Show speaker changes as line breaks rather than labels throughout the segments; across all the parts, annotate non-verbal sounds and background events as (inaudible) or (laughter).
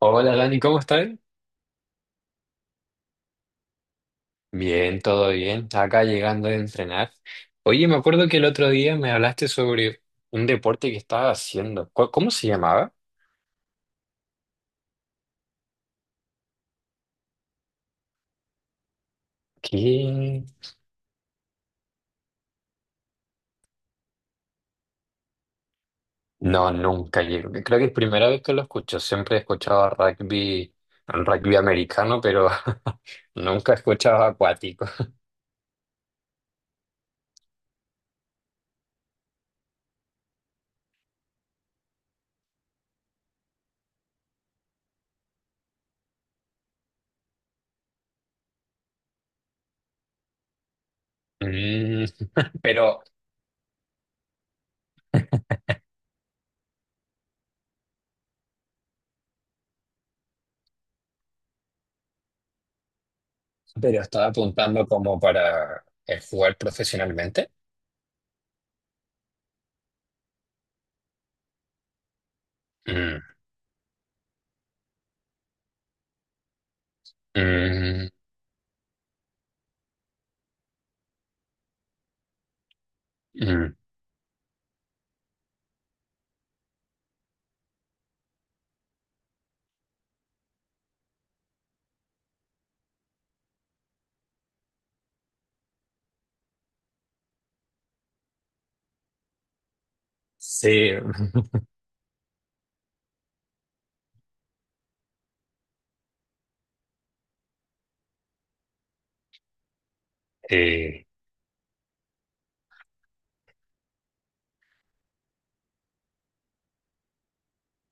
Hola Dani, ¿cómo estás? Bien, todo bien. Acá llegando de entrenar. Oye, me acuerdo que el otro día me hablaste sobre un deporte que estabas haciendo. ¿Cómo se llamaba? ¿Qué? No, nunca llego. Creo que es primera vez que lo escucho. Siempre he escuchado rugby, rugby americano, pero (laughs) nunca he escuchado acuático. Mm, pero, pero estaba apuntando como para jugar profesionalmente. Mm, mm, mm. Sí. (laughs) Eh,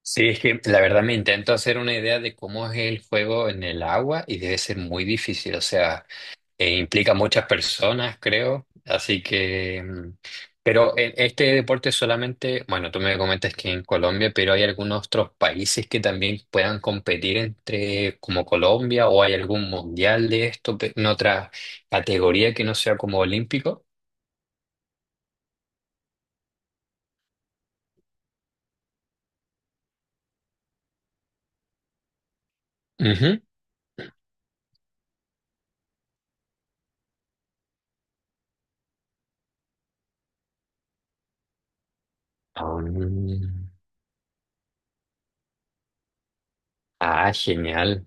Sí, es que la verdad me intento hacer una idea de cómo es el juego en el agua y debe ser muy difícil, o sea, implica muchas personas, creo, así que... mm, pero en este deporte solamente, bueno, tú me comentas que en Colombia, pero hay algunos otros países que también puedan competir entre como Colombia o hay algún mundial de esto en otra categoría que no sea como olímpico. Ujú. Ah, ah, genial.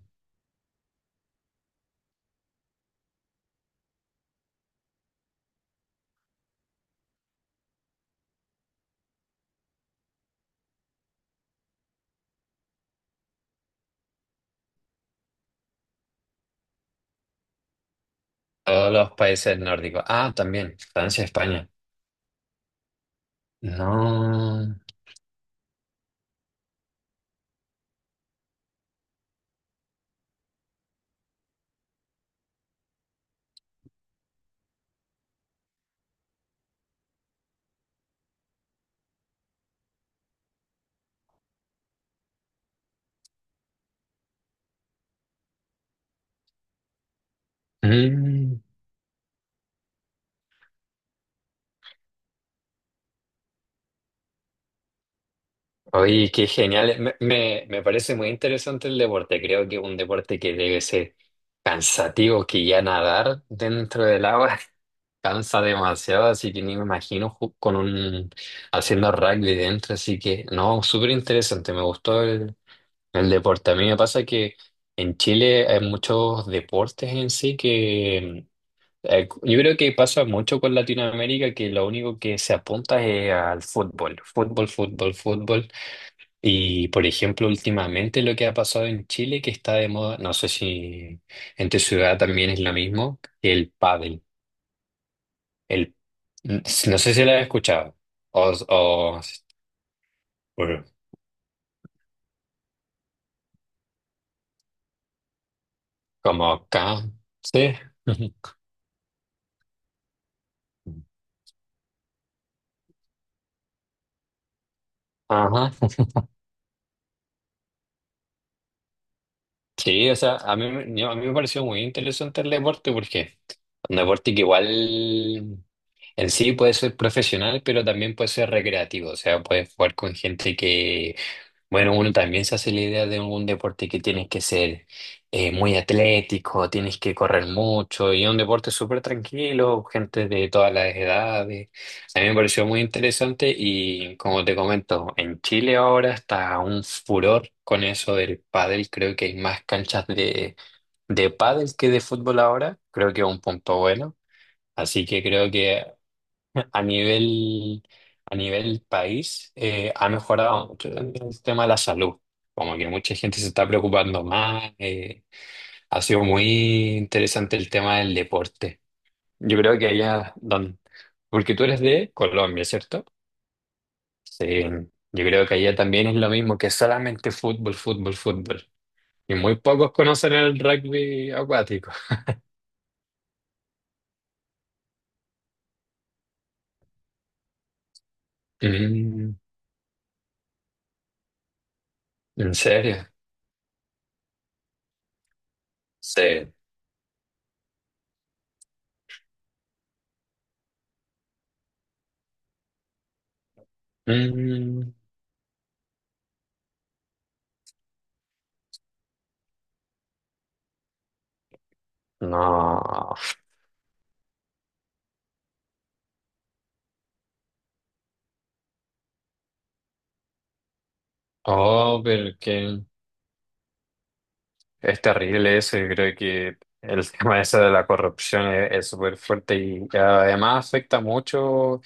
Todos los países nórdicos. Ah, también, Francia, España. No. Mm. Oye, qué genial. Me parece muy interesante el deporte. Creo que un deporte que debe ser cansativo, que ya nadar dentro del agua (laughs) cansa demasiado, así que ni me imagino con un haciendo rugby dentro. Así que no, súper interesante. Me gustó el deporte. A mí me pasa que en Chile hay muchos deportes en sí que yo creo que pasa mucho con Latinoamérica que lo único que se apunta es al fútbol, fútbol, fútbol, fútbol. Y por ejemplo, últimamente lo que ha pasado en Chile, que está de moda, no sé si en tu ciudad también es lo mismo, que el pádel. El, no sé si lo has escuchado. O Bueno, como acá, sí. (laughs) Ajá. Sí, o sea, a mí, a mí me pareció muy interesante el deporte porque un deporte que igual en sí puede ser profesional, pero también puede ser recreativo, o sea, puedes jugar con gente que, bueno, uno también se hace la idea de un deporte que tienes que ser muy atlético, tienes que correr mucho, y es un deporte súper tranquilo, gente de todas las edades. A mí me pareció muy interesante y como te comento, en Chile ahora está un furor con eso del pádel, creo que hay más canchas de pádel que de fútbol ahora, creo que es un punto bueno. Así que creo que a nivel, a nivel país ha mejorado mucho en el tema de la salud. Como que mucha gente se está preocupando más. Ha sido muy interesante el tema del deporte. Yo creo que allá donde... Porque tú eres de Colombia, ¿cierto? Sí. Yo creo que allá también es lo mismo, que solamente fútbol, fútbol, fútbol. Y muy pocos conocen el rugby acuático. Mm, ¿en serio? Sí. Mm, no. Oh, pero que es terrible eso. Yo creo que el (laughs) tema ese de la corrupción es súper fuerte y además afecta mucho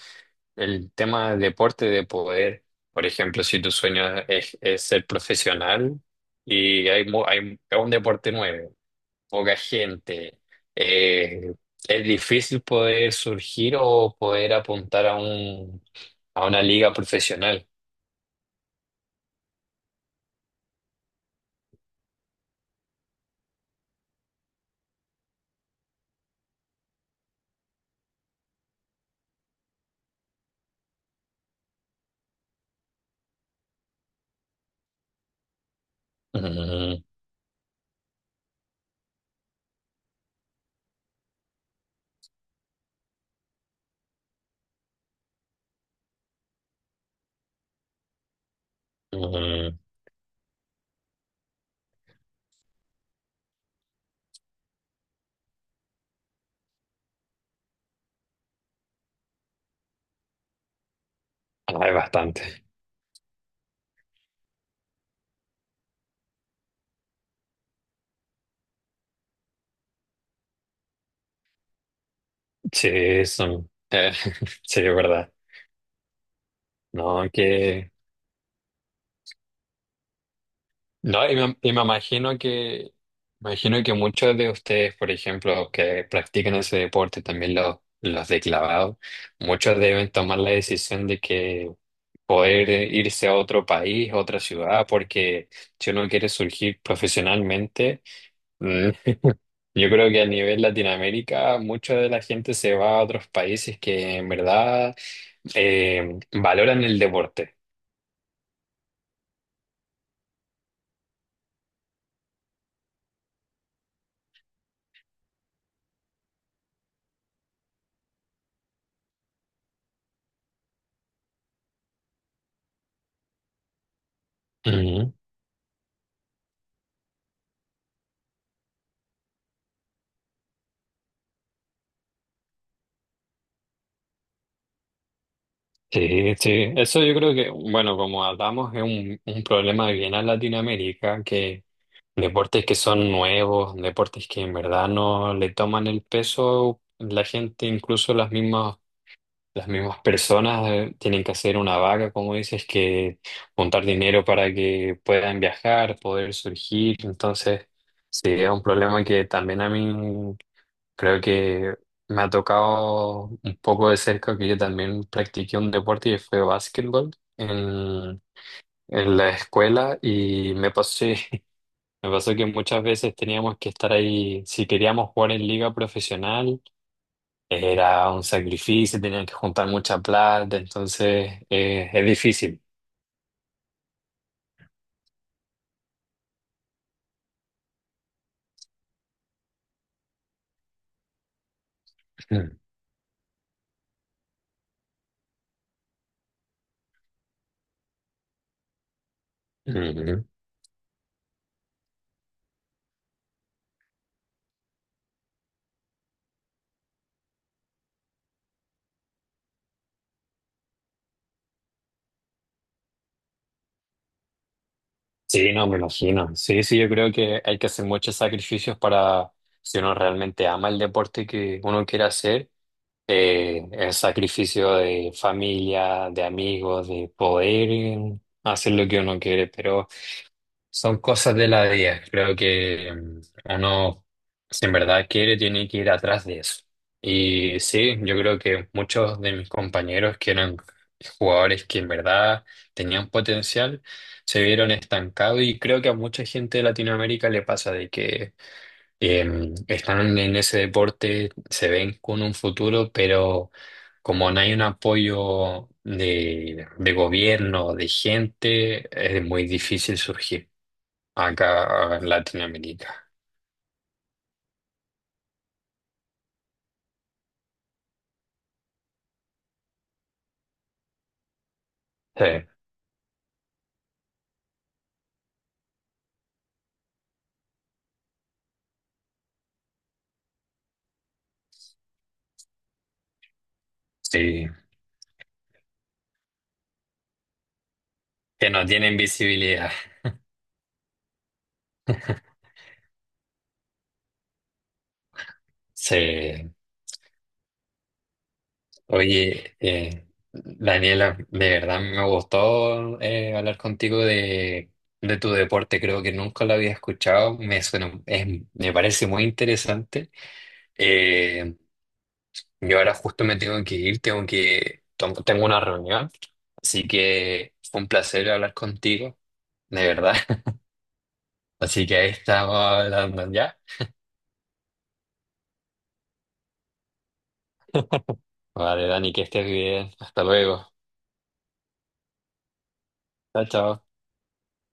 el tema del deporte de poder. Por ejemplo, si tu sueño es ser profesional y hay, es un deporte nuevo, poca gente, eh, es difícil poder surgir o poder apuntar a a una liga profesional. Mm, mm, ah, es bastante. Sí, son, (laughs) sí, es verdad. No, que, no, y me imagino que muchos de ustedes, por ejemplo, que practican ese deporte, también los de clavado, muchos deben tomar la decisión de que poder irse a otro país, a otra ciudad, porque si uno quiere surgir profesionalmente, mm, yo creo que a nivel Latinoamérica, mucha de la gente se va a otros países que en verdad valoran el deporte. Ujú. Sí, sí, eso yo creo que, bueno, como hablamos, es un problema bien a Latinoamérica, que deportes que son nuevos, deportes que en verdad no le toman el peso, la gente, incluso las mismas personas, tienen que hacer una vaca, como dices, que juntar dinero para que puedan viajar, poder surgir, entonces, sí, es un problema que también a mí creo que me ha tocado un poco de cerca que yo también practiqué un deporte y fue básquetbol en, en la escuela y (laughs) me pasó que muchas veces teníamos que estar ahí, si queríamos jugar en liga profesional, era un sacrificio, tenían que juntar mucha plata, entonces es difícil. (clears throat) Ujú. Sí, no, me imagino. Sí, sí, yo creo que hay que hacer muchos sacrificios para, si uno realmente ama el deporte que uno quiere hacer el sacrificio de familia, de amigos, de poder hacer lo que uno quiere, pero son cosas de la vida. Creo que uno, si en verdad quiere, tiene que ir atrás de eso. Y sí, yo creo que muchos de mis compañeros que eran jugadores que en verdad tenían potencial, se vieron estancados y creo que a mucha gente de Latinoamérica le pasa de que están en ese deporte, se ven con un futuro, pero como no hay un apoyo de gobierno, de gente, es muy difícil surgir acá en Latinoamérica. Sí, sí, que no tienen visibilidad. Sí. Oye, Daniela, de verdad me gustó hablar contigo de tu deporte, creo que nunca lo había escuchado, me suena, me parece muy interesante. Eh, yo ahora justo me tengo que ir, tengo una reunión, así que fue un placer hablar contigo, de verdad. (laughs) Así que ahí estamos hablando ya. Vale, Dani, que estés bien. Hasta luego. Chao, chao.